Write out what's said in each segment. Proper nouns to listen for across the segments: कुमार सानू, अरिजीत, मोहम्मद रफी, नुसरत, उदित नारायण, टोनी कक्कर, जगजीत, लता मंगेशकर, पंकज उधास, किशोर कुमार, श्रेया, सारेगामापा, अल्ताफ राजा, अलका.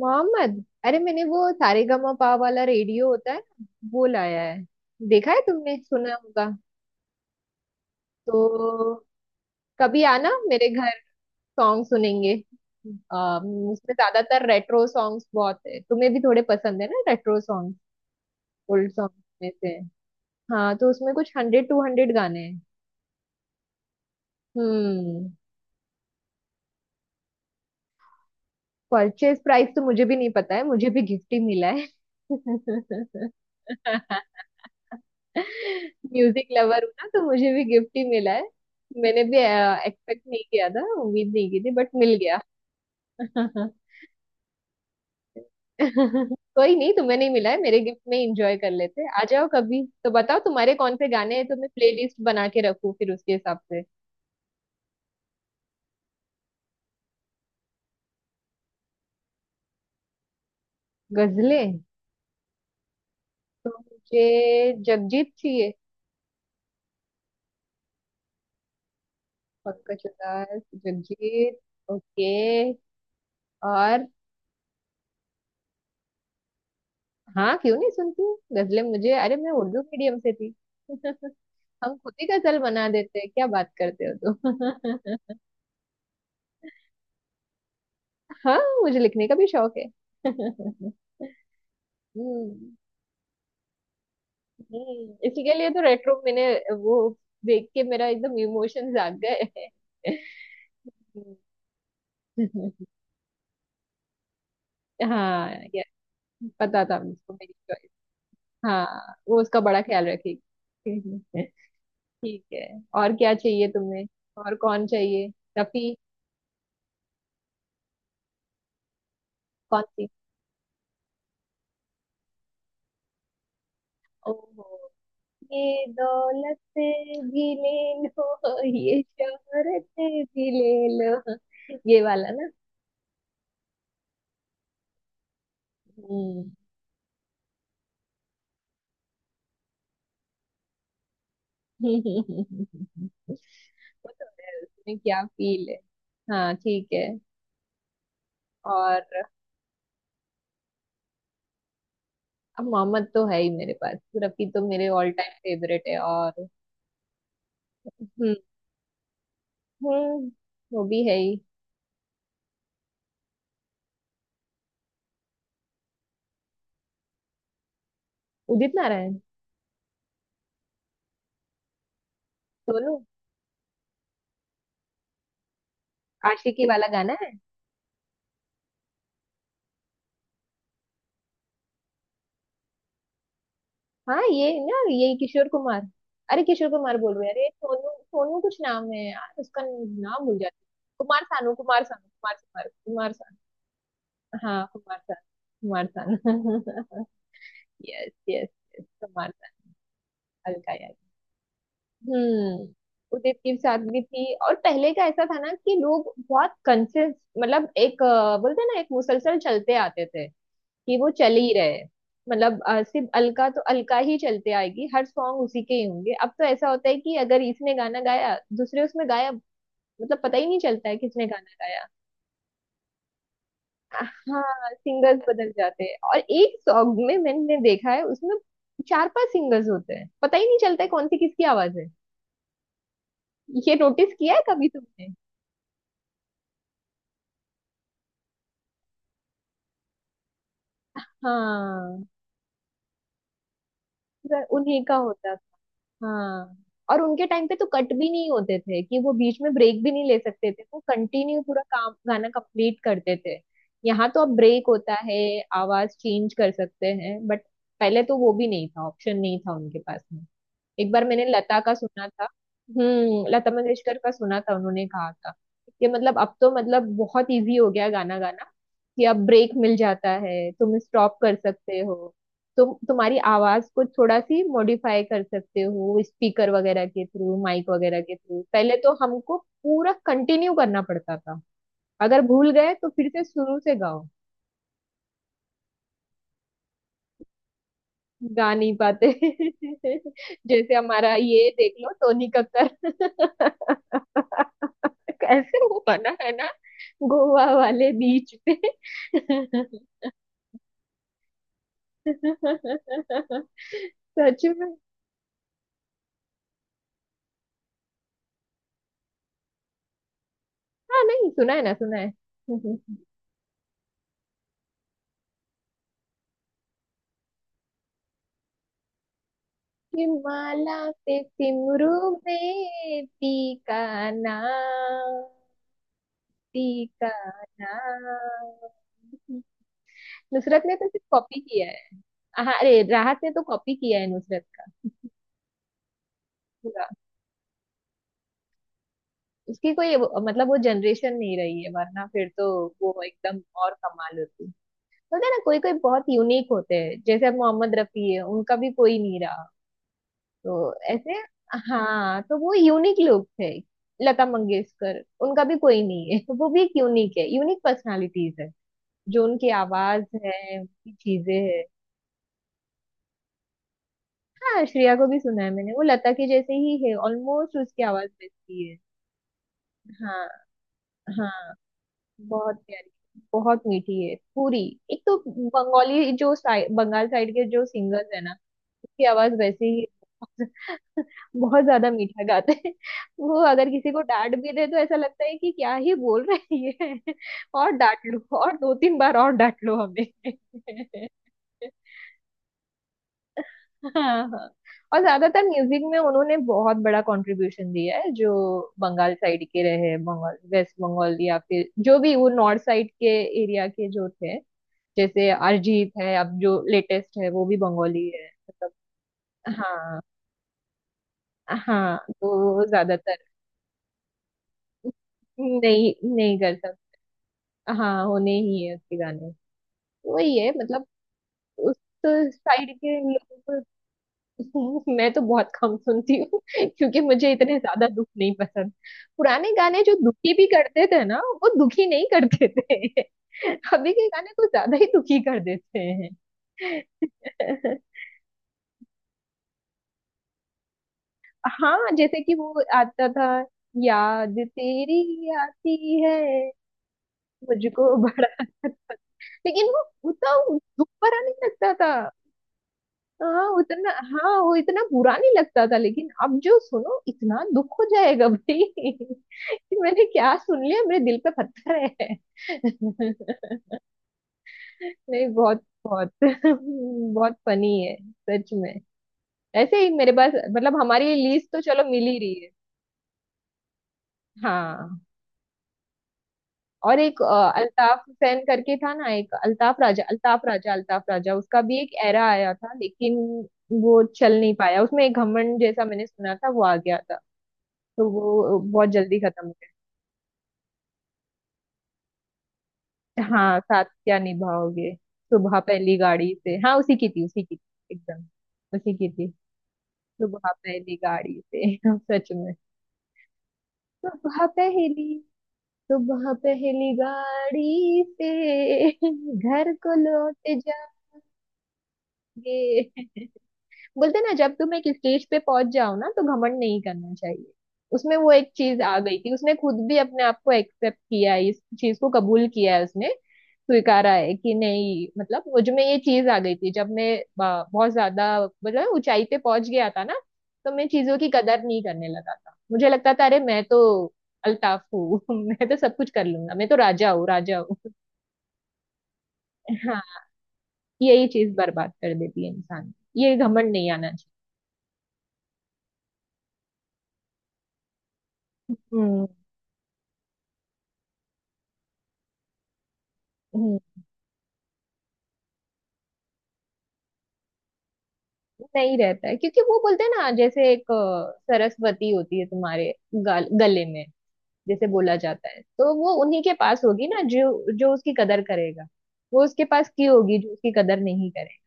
मोहम्मद, अरे मैंने वो सारेगामापा वाला रेडियो होता है ना, वो लाया है। देखा है तुमने? सुना होगा। तो कभी आना मेरे घर, सॉन्ग सुनेंगे। अम, उसमें ज्यादातर रेट्रो सॉन्ग्स बहुत है, तुम्हें भी थोड़े पसंद है ना रेट्रो सॉन्ग, ओल्ड सॉन्ग्स में से। हाँ तो उसमें कुछ 100 टू 100 गाने हैं। हम्म। परचेज प्राइस तो मुझे भी नहीं पता है, मुझे भी गिफ्ट ही मिला है। म्यूजिक लवर हूँ ना, तो मुझे भी गिफ्ट ही मिला है। मैंने भी एक्सपेक्ट नहीं किया था, उम्मीद नहीं की थी, बट मिल गया। कोई नहीं, तुम्हें नहीं मिला है मेरे गिफ्ट में एंजॉय कर लेते हैं। आ जाओ कभी तो बताओ तुम्हारे कौन से गाने हैं तो मैं प्लेलिस्ट बना के रखूँ फिर उसके हिसाब से। गजलें? तो मुझे जगजीत चाहिए। पंकज उधास, जगजीत, ओके। और? हाँ, क्यों नहीं सुनती? गजलें मुझे, अरे मैं उर्दू मीडियम से थी। हम खुद ही गजल बना देते हैं, क्या बात करते हो तुम। हाँ, मुझे लिखने का भी शौक है। हम्म। इसी के लिए तो रेट्रो मैंने वो देख के मेरा एकदम इमोशन जाग गए। हम्म। हाँ यार। पता था मुझको, मेरी चॉइस। हाँ, वो उसका बड़ा ख्याल रखेगी। ठीक है। और क्या चाहिए तुम्हें? और कौन चाहिए? रफी। कौन सी? ओहो, ये दौलत भी ले लो ये शोहरत भी ले लो, ये वाला ना। हम्म। वो तो है, उसमें क्या फील है। हाँ ठीक है। और? अब मोहम्मद तो है ही मेरे पास। रफी तो मेरे ऑल टाइम फेवरेट है। और, हम्म। हम्म, वो भी है ही। उदित नारायण। सोनू? आशिकी वाला गाना? हाँ ये ना, यही किशोर कुमार। अरे किशोर कुमार बोल रहे हैं, अरे सोनू सोनू कुछ नाम है यार, उसका नाम भूल जाती हूँ। कुमार सानू, कुमार सानू, कुमार सानू, कुमार सानू। हाँ कुमार सानू, कुमार सानू। Yes yes. Yes कुमार सानू, अलका यार। हम्म। उदित की सादगी थी, और पहले का ऐसा था ना कि लोग बहुत कंसिस्ट, मतलब एक बोलते हैं ना एक मुसलसल चलते आते थे, कि वो चल ही रहे हैं। मतलब सिर्फ अलका तो अलका ही चलते आएगी, हर सॉन्ग उसी के ही होंगे। अब तो ऐसा होता है कि अगर इसने गाना गाया, दूसरे उसमें गायब। मतलब पता ही नहीं चलता है किसने गाना गाया। हाँ, सिंगर्स बदल जाते हैं, और एक सॉन्ग में मैंने देखा है उसमें 4-5 सिंगर्स होते हैं, पता ही नहीं चलता है कौन सी किसकी आवाज है। ये नोटिस किया है कभी तुमने? हाँ पूरा उन्हीं का होता। हाँ, और उनके टाइम पे तो कट भी नहीं होते थे, कि वो बीच में ब्रेक भी नहीं ले सकते थे, वो कंटिन्यू पूरा काम, गाना कंप्लीट करते थे। यहाँ तो अब ब्रेक होता है, आवाज चेंज कर सकते हैं, बट पहले तो वो भी नहीं था, ऑप्शन नहीं था उनके पास में। एक बार मैंने लता का सुना था। हम्म, लता मंगेशकर का सुना था, उन्होंने कहा था कि, मतलब अब तो मतलब बहुत इजी हो गया गाना गाना, कि अब ब्रेक मिल जाता है, तुम स्टॉप कर सकते हो, तुम तुम्हारी आवाज को थोड़ा सी मॉडिफाई कर सकते हो स्पीकर वगैरह के थ्रू, माइक वगैरह के थ्रू। पहले तो हमको पूरा कंटिन्यू करना पड़ता था, अगर भूल गए तो फिर से शुरू से गाओ। गा नहीं पाते। जैसे हमारा ये देख लो, टोनी कक्कर। कैसे वो बना है ना, गोवा वाले बीच पे। सच में। हाँ नहीं सुना है, ना सुना है। कि माला पे सिमरू में टीका नाम, टीका नाम। नुसरत ने तो सिर्फ कॉपी किया है। हाँ, अरे राहत ने तो कॉपी किया है नुसरत का। पूरा उसकी कोई मतलब वो जनरेशन नहीं रही है, वरना फिर तो वो एकदम और कमाल होती। बोलते हैं ना, कोई कोई बहुत यूनिक होते हैं, जैसे अब मोहम्मद रफी है, उनका भी कोई नहीं रहा। तो ऐसे, हाँ तो वो यूनिक लोग थे। लता मंगेशकर, उनका भी कोई नहीं है, तो वो भी एक यूनिक है, यूनिक पर्सनालिटीज है, जो उनकी आवाज है, उनकी चीजें है। हाँ, श्रेया को भी सुना है मैंने, वो लता के जैसे ही है ऑलमोस्ट, उसकी आवाज वैसी है। हाँ, हाँ, बहुत प्यारी, बहुत मीठी है पूरी। एक तो बंगाली जो साइड, बंगाल साइड के जो सिंगर्स है ना, उसकी आवाज वैसे ही। बहुत ज्यादा मीठा गाते हैं। वो अगर किसी को डांट भी दे तो ऐसा लगता है कि क्या ही बोल रहे हैं ये। और डांट लो, और 2-3 बार और डांट लो हमें। हाँ हाँ। और ज्यादातर म्यूजिक में उन्होंने बहुत बड़ा कंट्रीब्यूशन दिया है जो बंगाल साइड के रहे, बंगाल, वेस्ट बंगाल, या फिर जो भी वो नॉर्थ साइड के एरिया के जो थे। जैसे अरिजीत है, अब जो लेटेस्ट है, वो भी बंगाली है, मतलब। हाँ हाँ, तो वो ज्यादातर। नहीं, नहीं कर सकता। हाँ, होने ही है उसके गाने। वही है मतलब, उस साइड के लोगों को। मैं तो बहुत कम सुनती हूँ। क्योंकि मुझे इतने ज्यादा दुख नहीं पसंद, पुराने गाने जो दुखी भी करते थे ना, वो दुखी नहीं करते थे। अभी के गाने कुछ ज्यादा ही दुखी कर देते हैं। हाँ जैसे कि वो आता था, याद तेरी आती है, मुझको बड़ा, लेकिन वो उतना दुख भरा नहीं लगता था। हाँ उतना, हाँ वो इतना बुरा नहीं लगता था, लेकिन अब जो सुनो इतना दुख हो जाएगा भाई। कि मैंने क्या सुन लिया, मेरे दिल पे पत्थर है। नहीं, बहुत बहुत बहुत फनी है, सच में। ऐसे ही मेरे पास मतलब हमारी लिस्ट तो चलो मिल ही रही है। हाँ, और एक अल्ताफ हुसैन करके था ना, एक अल्ताफ राजा, अल्ताफ राजा, अल्ताफ राजा, उसका भी एक एरा आया था, लेकिन वो चल नहीं पाया। उसमें एक घमंड जैसा मैंने सुना था वो आ गया था, तो वो बहुत जल्दी खत्म हो गया। हाँ, साथ क्या निभाओगे, सुबह पहली गाड़ी से, हाँ उसी की थी, उसी की थी एकदम, उसी की थी। सुबह पहली गाड़ी से। सच में, सुबह पहली, सुबह पहली गाड़ी से, घर को लौट जाएंगे। बोलते हैं ना, जब तुम एक स्टेज पे पहुंच जाओ ना, तो घमंड नहीं करना चाहिए। उसमें वो एक चीज आ गई थी, उसने खुद भी अपने आप को एक्सेप्ट किया है, इस चीज को कबूल किया है, उसने स्वीकारा है, कि नहीं मतलब मुझ में ये चीज आ गई थी, जब मैं बहुत ज्यादा मतलब ऊंचाई पे पहुंच गया था ना, तो मैं चीजों की कदर नहीं करने लगा था, मुझे लगता था अरे मैं तो अल्ताफ हूँ। मैं तो सब कुछ कर लूंगा, मैं तो राजा हूँ, राजा हूँ। हाँ, यही चीज बर्बाद कर देती है इंसान, ये घमंड नहीं आना चाहिए। हम्म। नहीं रहता है, क्योंकि वो बोलते हैं ना, जैसे एक सरस्वती होती है तुम्हारे गाल, गले में जैसे बोला जाता है, तो वो उन्हीं के पास होगी ना जो जो उसकी कदर करेगा। वो उसके पास की होगी जो उसकी कदर नहीं करे।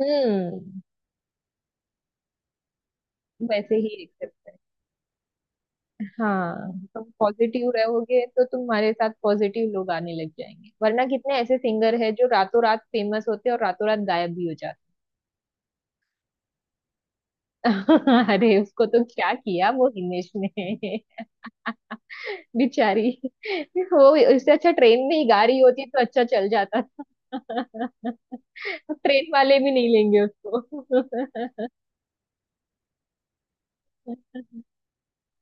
हम्म। वैसे ही एक करते हैं। हाँ, तुम पॉजिटिव रहोगे तो तुम्हारे साथ पॉजिटिव लोग आने लग जाएंगे, वरना कितने ऐसे सिंगर हैं जो रातों रात फेमस होते हैं और रातों रात गायब भी हो जाते हैं। अरे उसको तो क्या किया वो हिमेश ने, बेचारी। वो इससे अच्छा ट्रेन में ही गाड़ी होती तो अच्छा चल जाता था। ट्रेन वाले भी नहीं लेंगे उसको।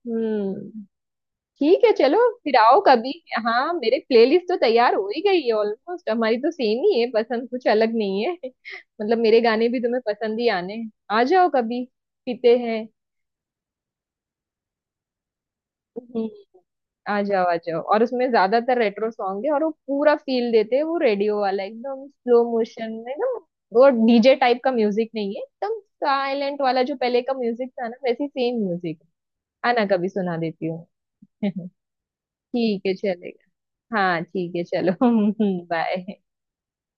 हम्म। ठीक है चलो, फिर आओ कभी। हाँ मेरे प्लेलिस्ट तो तैयार हो ही गई है ऑलमोस्ट, हमारी तो सेम ही है पसंद, कुछ अलग नहीं है। मतलब मेरे गाने भी तुम्हें पसंद ही आने हैं। आ जाओ कभी, पीते हैं। हम्म। आ जाओ, आ जाओ, और उसमें ज्यादातर रेट्रो सॉन्ग है, और वो पूरा फील देते हैं, वो रेडियो वाला एकदम स्लो मोशन में, एकदम वो डीजे टाइप का म्यूजिक नहीं है, एकदम साइलेंट वाला जो पहले का म्यूजिक था ना, वैसे सेम म्यूजिक। आना कभी, सुना देती हूँ। ठीक है चलेगा। हाँ ठीक है चलो। बाय।